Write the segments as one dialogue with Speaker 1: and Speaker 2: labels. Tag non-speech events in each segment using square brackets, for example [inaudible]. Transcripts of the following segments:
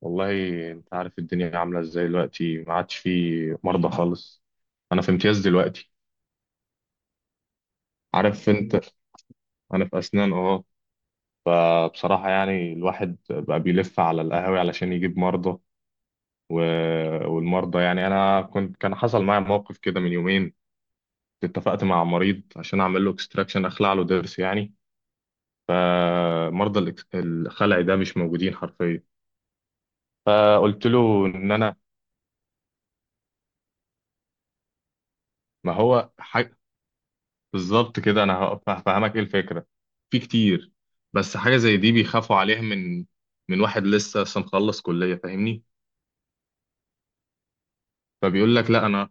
Speaker 1: والله، انت عارف الدنيا عامله ازاي دلوقتي. ما عادش في مرضى خالص. انا في امتياز دلوقتي، عارف انت. انا في اسنان، اه. فبصراحه يعني الواحد بقى بيلف على القهاوي علشان يجيب مرضى و... والمرضى يعني. انا كنت، كان حصل معايا موقف كده من يومين. اتفقت مع مريض عشان اعمل له اكستراكشن، اخلع له ضرس يعني. فمرضى الخلع ده مش موجودين حرفيا. فقلت له ان انا ما هو ح... بالظبط كده. انا هفهمك ايه الفكره. في كتير، بس حاجه زي دي بيخافوا عليها من من واحد لسه مخلص كليه، فاهمني. فبيقول لك لا، انا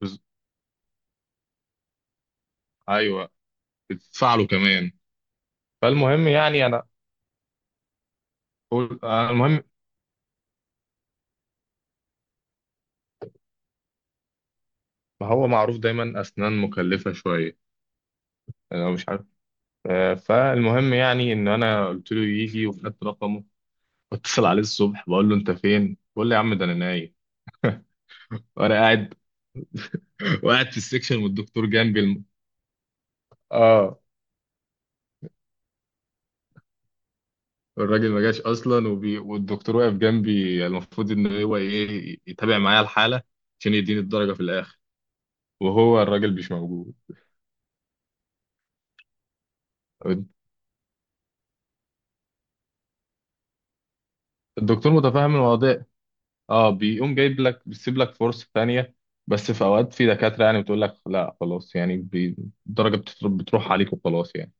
Speaker 1: بز... ايوه، بتدفع له كمان. فالمهم يعني انا، المهم ما هو معروف دايما اسنان مكلفه شويه. انا مش عارف. فالمهم يعني ان انا قلت له يجي، وخدت رقمه، واتصل عليه الصبح بقول له انت فين، بيقول لي يا عم ده انا نايم. وانا قاعد [laughs] وقاعد في السكشن والدكتور جنبي اه. الراجل ما جاش اصلا، والدكتور واقف جنبي، المفروض ان هو ايه، يتابع معايا الحاله عشان يديني الدرجه في الاخر، وهو الراجل مش موجود. الدكتور متفاهم الوضع، اه. بيقوم جايب لك، بيسيب لك فرصه ثانيه. بس في اوقات في دكاتره يعني بتقول لك لا خلاص يعني الدرجه بتروح عليك وخلاص يعني.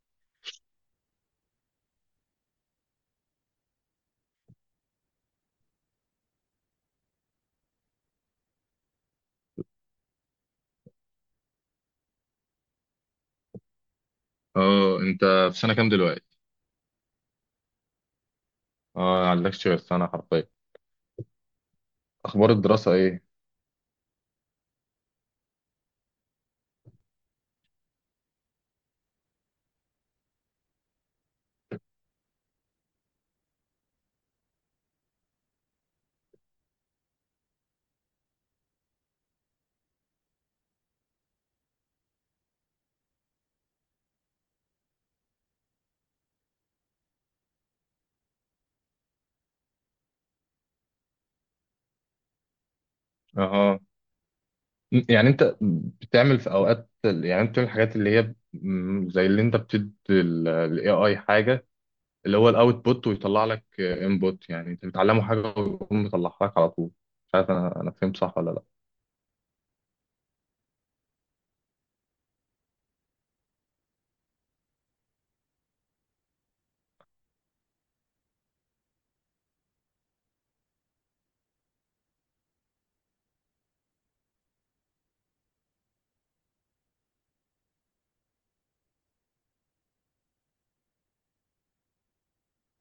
Speaker 1: اه، انت في سنه كام دلوقتي؟ اه، ما عندكش غير سنه حرفيا. اخبار الدراسه ايه؟ اه. يعني انت بتعمل في اوقات، يعني انت بتعمل الحاجات اللي هي زي اللي انت بتدي الاي اي حاجه، اللي هو الاوتبوت، ويطلع لك انبوت. يعني انت بتعلمه حاجه ويقوم مطلعها لك على طول. مش عارف انا فهمت صح ولا لا؟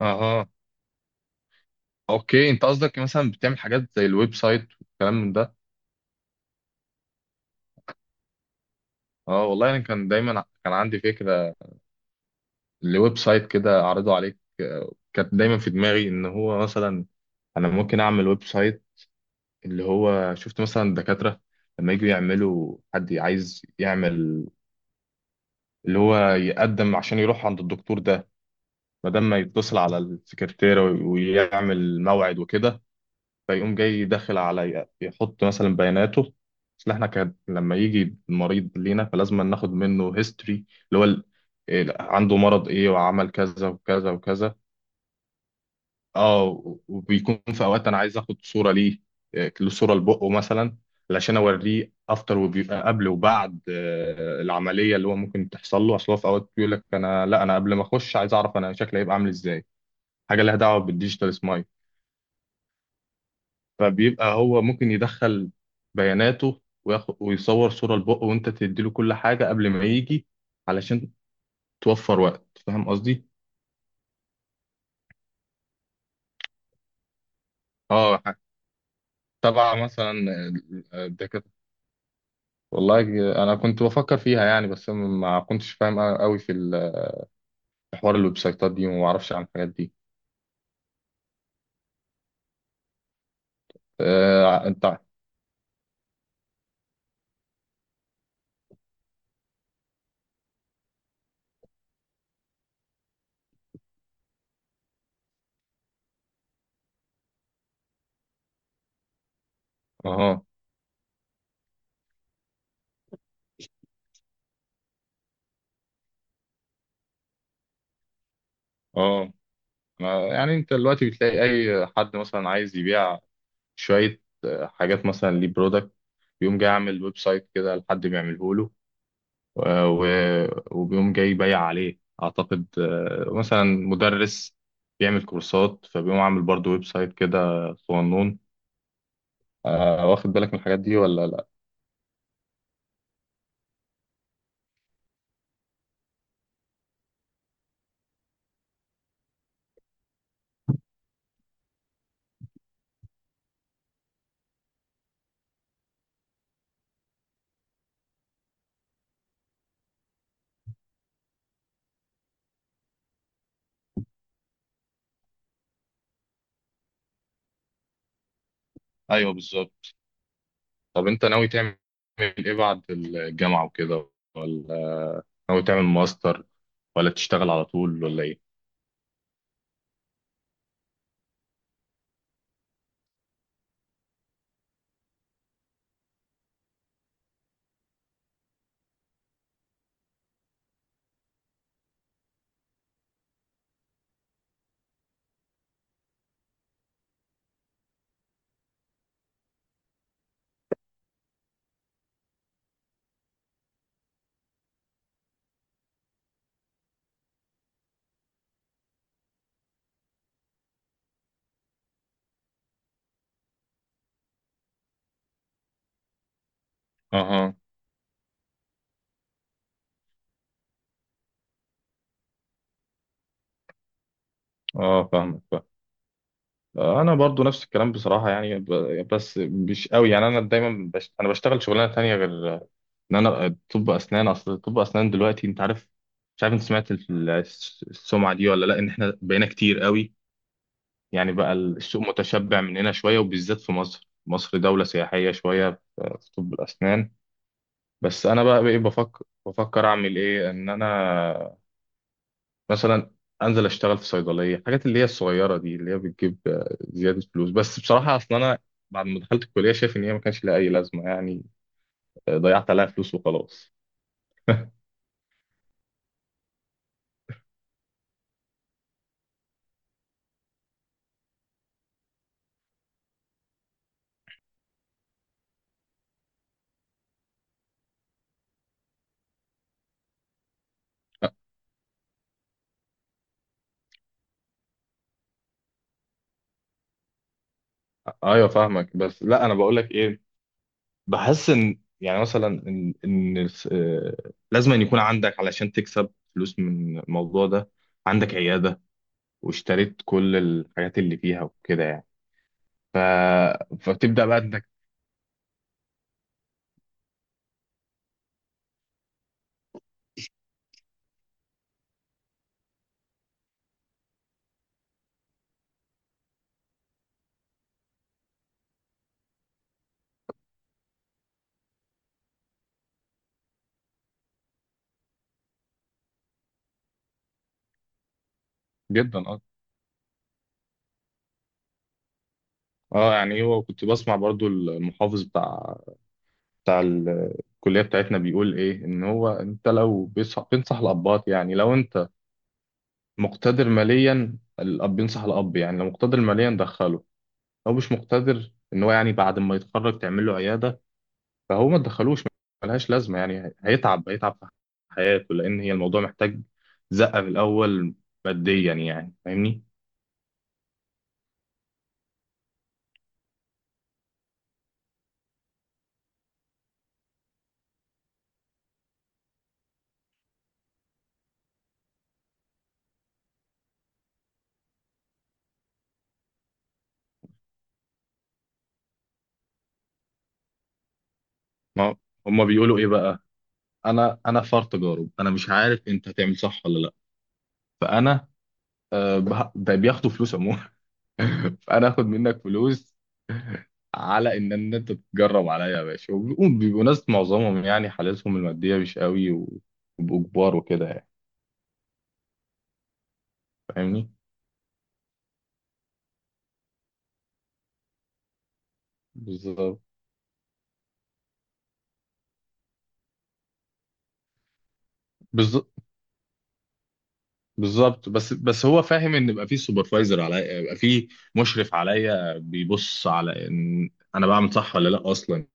Speaker 1: اها، اوكي. انت قصدك مثلا بتعمل حاجات زي الويب سايت والكلام من ده. اه والله انا كان دايما كان عندي فكره لويب سايت كده اعرضه عليك. كانت دايما في دماغي ان هو مثلا انا ممكن اعمل ويب سايت، اللي هو شفت مثلا الدكاترة لما يجوا يعملوا، حد عايز يعمل اللي هو يقدم عشان يروح عند الدكتور ده بدل ما يتصل على السكرتيرة ويعمل موعد وكده. فيقوم جاي داخل على، يحط مثلا بياناته. اصل احنا كان لما يجي المريض لينا فلازم ناخد منه هيستوري، اللي هو ال- إيه، عنده مرض ايه وعمل كذا وكذا وكذا. اه، وبيكون في اوقات انا عايز اخد صوره ليه، له صوره لبقه مثلا، علشان اوريه افتر. وبيبقى قبل وبعد العمليه اللي هو ممكن تحصل له. اصل هو في اوقات بيقول لك انا، لا، انا قبل ما اخش عايز اعرف انا شكلي هيبقى عامل ازاي. حاجه لها دعوه بالديجيتال سمايل. فبيبقى هو ممكن يدخل بياناته، وياخد ويصور صوره لبقه، وانت تديله كل حاجه قبل ما يجي علشان توفر وقت. فاهم قصدي؟ اه طبعا. مثلا والله انا كنت بفكر فيها يعني، بس ما كنتش فاهم قوي في في حوار الويب سايتات دي، وما اعرفش عن الحاجات دي. انت اه اه. يعني انت دلوقتي بتلاقي اي حد مثلا عايز يبيع شوية حاجات، مثلا ليه برودكت، بيقوم جاي عامل ويب سايت كده، لحد بيعمله له، وبيقوم جاي يبيع عليه. اعتقد مثلا مدرس بيعمل كورسات فبيقوم عامل برضه ويب سايت كده صغنون. واخد بالك من الحاجات دي ولا لا؟ ايوه بالظبط. طب انت ناوي تعمل ايه بعد الجامعة وكده، ولا ناوي تعمل ماستر، ولا تشتغل على طول، ولا ايه؟ اها. اه فاهمك، فاهم. انا برضو نفس الكلام بصراحه يعني، بس مش قوي يعني. انا دايما انا بشتغل شغلانه تانية غير ان انا طب اسنان. اصل طب اسنان دلوقتي، انت عارف، مش عارف انت سمعت السمعه دي ولا لا، ان احنا بقينا كتير قوي يعني، بقى السوق متشبع مننا شويه، وبالذات في مصر. مصر دوله سياحيه شويه في في طب الاسنان. بس انا بقى ايه، بفكر بفكر اعمل ايه؟ ان انا مثلا انزل اشتغل في صيدليه، الحاجات اللي هي الصغيره دي اللي هي بتجيب زياده فلوس. بس بصراحه اصل انا بعد ما دخلت الكليه شايف ان هي ما كانش لها اي لازمه يعني. ضيعت عليها فلوس وخلاص. ايوه فاهمك، بس لا انا بقول لك ايه. بحس ان يعني مثلا ان ان الس- آه، لازم أن يكون عندك، علشان تكسب فلوس من الموضوع ده، عندك عياده، واشتريت كل الحاجات اللي فيها وكده يعني. ف... فبتبدا بقى انك جدا. اه، يعني هو كنت بسمع برضو المحافظ بتاع الكلية بتاعتنا بيقول ايه، ان هو انت لو بينصح الابات يعني، لو انت مقتدر ماليا، الاب بينصح الاب يعني، لو مقتدر ماليا دخله. لو مش مقتدر، ان هو يعني بعد ما يتخرج تعمل له عيادة، فهو ما تدخلوش ملهاش لازمة يعني، هيتعب هيتعب في حياته، لان هي الموضوع محتاج زقة في الاول ماديا يعني، فاهمني. ما هما بيقولوا ايه بقى، انا فار تجارب، انا مش عارف انت هتعمل صح ولا لا، فانا ده بياخدوا فلوس عموما. [laughs] فانا اخد منك فلوس على ان إن انت تتجرب عليا يا باشا. وبيبقوا بيبقوا ناس معظمهم يعني حالتهم الماديه مش قوي، وبيبقوا كبار وكده يعني، فاهمني. بالظبط. بالظ- بالظبط، بس بس هو فاهم ان يبقى في سوبرفايزر عليا، يبقى في مشرف عليا، بيبص على ان انا بعمل صح ولا لا اصلا.